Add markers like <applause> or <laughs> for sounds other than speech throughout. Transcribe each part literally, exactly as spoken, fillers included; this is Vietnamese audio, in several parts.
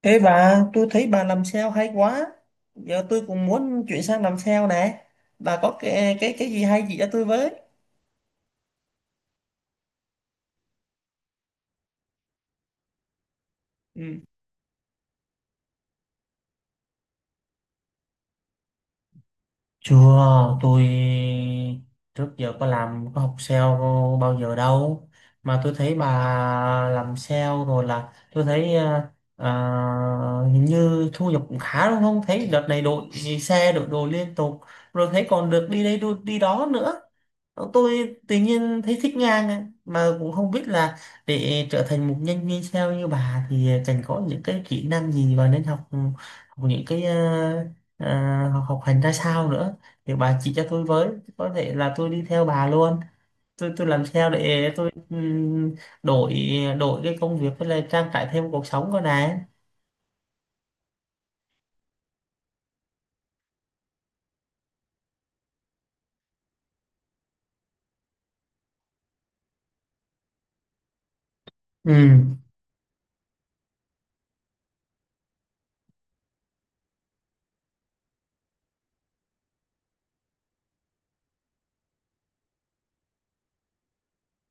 Ê bà, tôi thấy bà làm sale hay quá. Giờ tôi cũng muốn chuyển sang làm sale nè. Bà có cái cái cái gì hay chỉ cho tôi với. Ừ. Chưa, tôi trước giờ có làm có học sale bao giờ đâu mà tôi thấy bà làm sale rồi là tôi thấy à, à, hình như thu nhập cũng khá đúng không? Thấy đợt này đội xe đội đồ liên tục rồi thấy còn được đi đây đu- đi đó nữa. Ờ, tôi tự nhiên thấy thích Nga này, mà cũng không biết là để trở thành một nhân viên sale như bà thì cần có những cái kỹ năng gì và nên học, học những cái ờ, ờ, học học hành ra sao nữa thì bà chỉ cho tôi với, có thể là tôi đi theo bà luôn. Tôi tôi làm sale để tôi ừm, đổi đổi cái công việc với lại trang trải thêm cuộc sống của này. ừ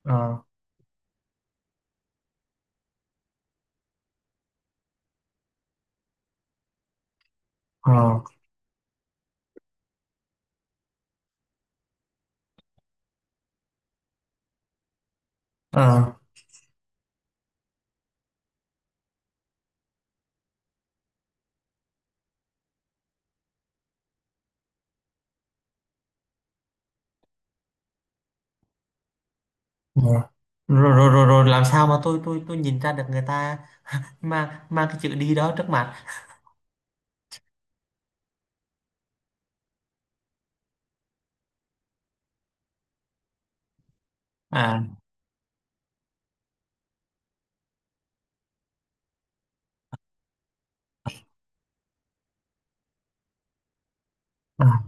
ờ ờ ờ ờ. rồi, rồi rồi rồi làm sao mà tôi tôi tôi nhìn ra được người ta mà mà cái chữ đi đó trước mặt. à, à,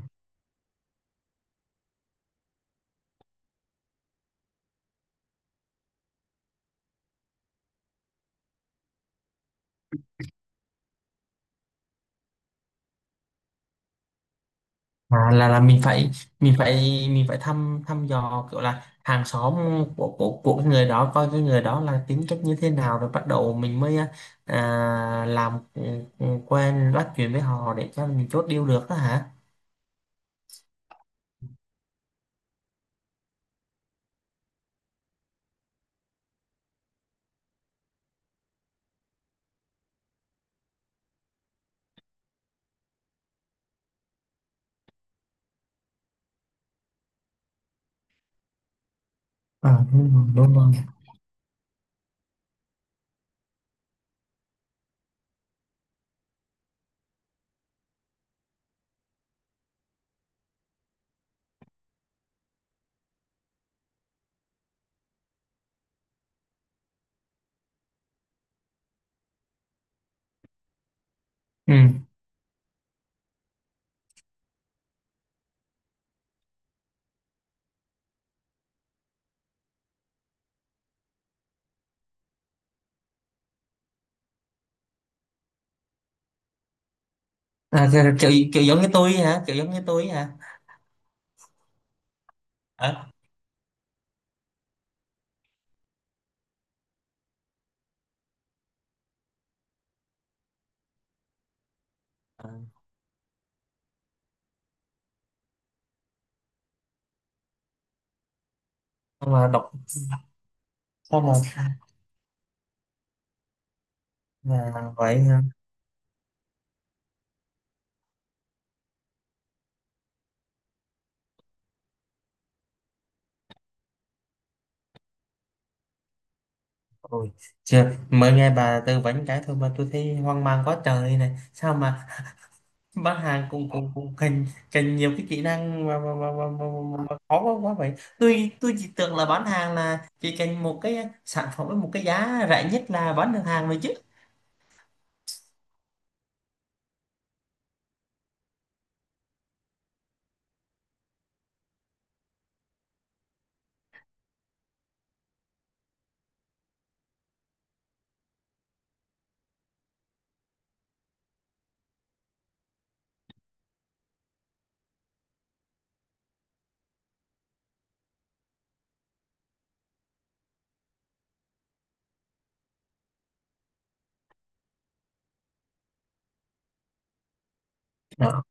à là là mình phải mình phải mình phải thăm thăm dò kiểu là hàng xóm của của của cái người đó coi cái người đó là tính cách như thế nào, rồi bắt đầu mình mới à, à, làm, ừ, ừ, quen bắt chuyện với họ để cho mình chốt deal được đó hả? Ờ, đúng rồi, đúng rồi. ừ À, kiểu, kiểu kiểu giống như tôi ấy hả, kiểu giống như tôi ấy hả? Ờ. Ờ, mà đọc xong mà là vậy hả? Ôi, chưa, mới nghe bà tư vấn cái thôi mà tôi thấy hoang mang quá trời này. Sao mà bán hàng cũng cũng cũng cần cần nhiều cái kỹ năng mà mà mà, mà, mà, mà mà khó quá quá vậy. Tôi tôi chỉ tưởng là bán hàng là chỉ cần một cái sản phẩm với một cái giá rẻ nhất là bán được hàng rồi chứ. Đó.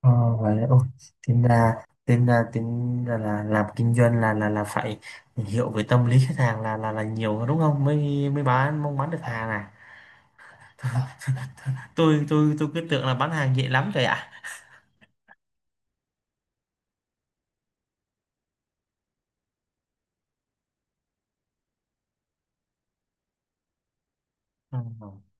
Ờ, vậy đó. Ôi, tính ra tính ra tính ra là làm kinh doanh là là là phải hiểu về tâm lý khách hàng là là là nhiều đúng không? Mới mới bán mong bán được hàng à. <laughs> Tôi tôi tôi cứ tưởng là bán hàng dễ lắm rồi ạ. À.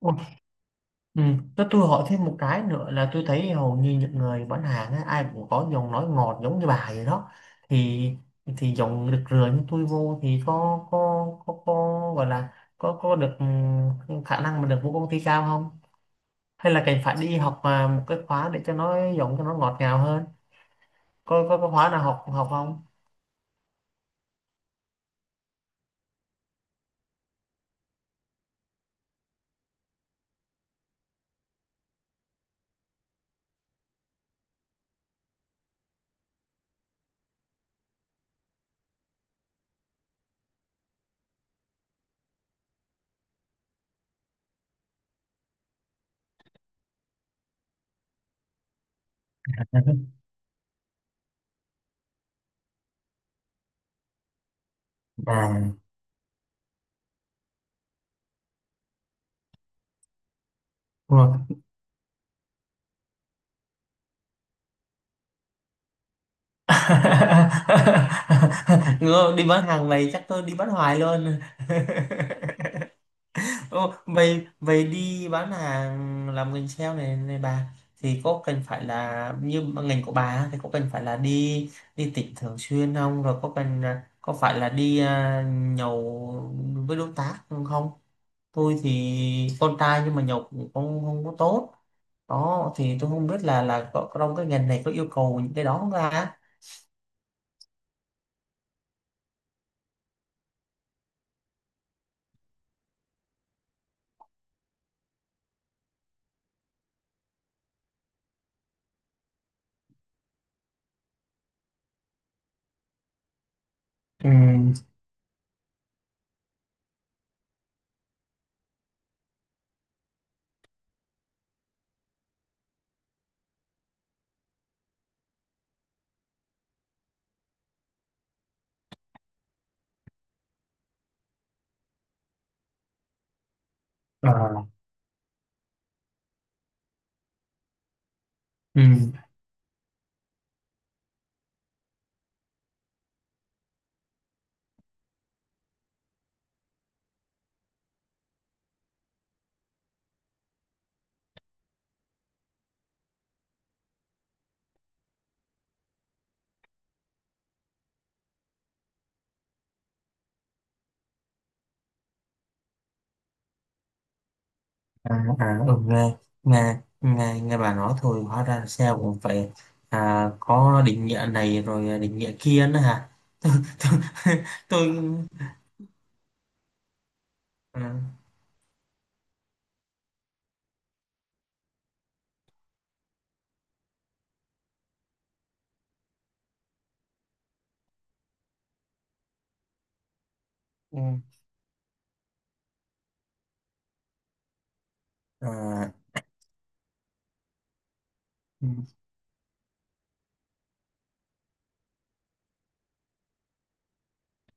Ủa, ừ. Tôi, tôi hỏi thêm một cái nữa là tôi thấy hầu như những người bán hàng á, ai cũng có giọng nói ngọt giống như bà vậy đó. Thì thì giọng được rửa như tôi vô thì có có có, có gọi là có có được ừ, khả năng mà được vô công ty cao không, hay là cần phải đi học à, một cái khóa để cho nó giọng cho nó ngọt ngào hơn, có có, có khóa nào học học không à? Ủa. <laughs> Ngơ, đi bán hàng này chắc tôi đi bán hoài luôn. <laughs> Ồ, vậy vậy đi bán hàng làm ngành sale này này bà, thì có cần phải là như ngành của bà á, thì có cần phải là đi đi tỉnh thường xuyên không, rồi có cần à, có phải là đi à, nhậu với đối tác không? Tôi thì con trai nhưng mà nhậu cũng không không có tốt đó, thì tôi không biết là là có, có trong cái ngành này có yêu cầu những cái đó không ra. ừ, à, ừ. À, à ừ, nghe, nghe, nghe, nghe bà nói thôi hóa ra ét i ô cũng phải à, có định nghĩa này rồi định nghĩa kia nữa hả? <laughs> tôi tôi, tôi à, ừ, à, ừ,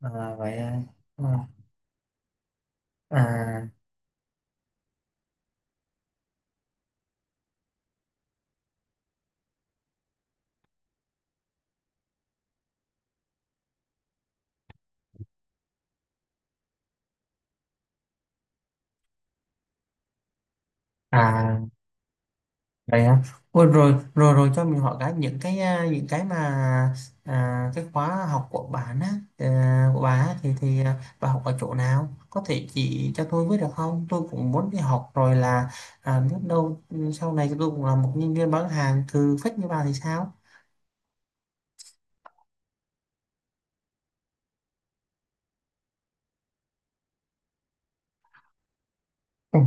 à, vậy à, à, à, vậy hả? Ôi, rồi rồi rồi cho mình hỏi cái những cái à, những cái mà à, cái khóa học của bạn á, à, của bà á, thì thì à, bà học ở chỗ nào, có thể chỉ cho tôi với được không? Tôi cũng muốn đi học rồi là à, biết đâu ừ, sau này tôi cũng là một nhân viên bán hàng cừ phách như bà thì sao. Ừ.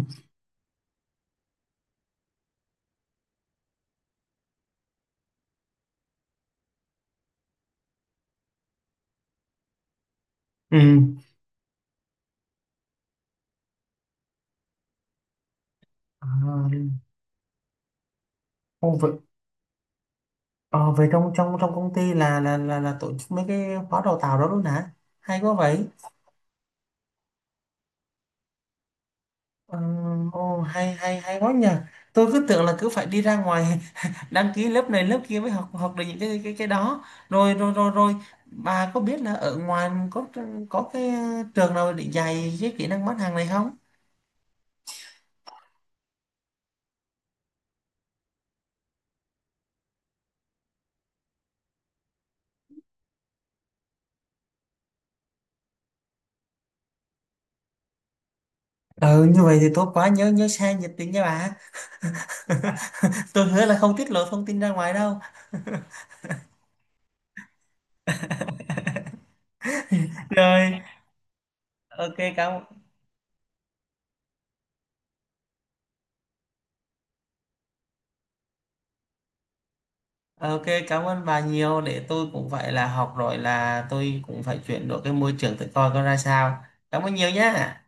Ừ. À, ô, vậy, ờ, vậy trong trong trong công ty là là là là tổ chức mấy cái khóa đào tạo đó luôn hả? Hay quá vậy. Ờ, ồ, hay hay hay quá nhờ. Tôi cứ tưởng là cứ phải đi ra ngoài <laughs> đăng ký lớp này lớp kia mới học học được những cái cái cái đó. Rồi rồi rồi rồi Bà có biết là ở ngoài có có cái trường nào để dạy cái kỹ năng bán hàng này không? Ừ, như vậy thì tốt quá, nhớ nhớ xe nhiệt tình nha bà. <laughs> Tôi hứa là không tiết lộ thông tin ra ngoài đâu. Rồi, ok, cảm, ok, cảm ơn bà nhiều, để tôi cũng phải là học rồi là tôi cũng phải chuyển đổi cái môi trường tự coi coi ra sao. Cảm ơn nhiều nhá.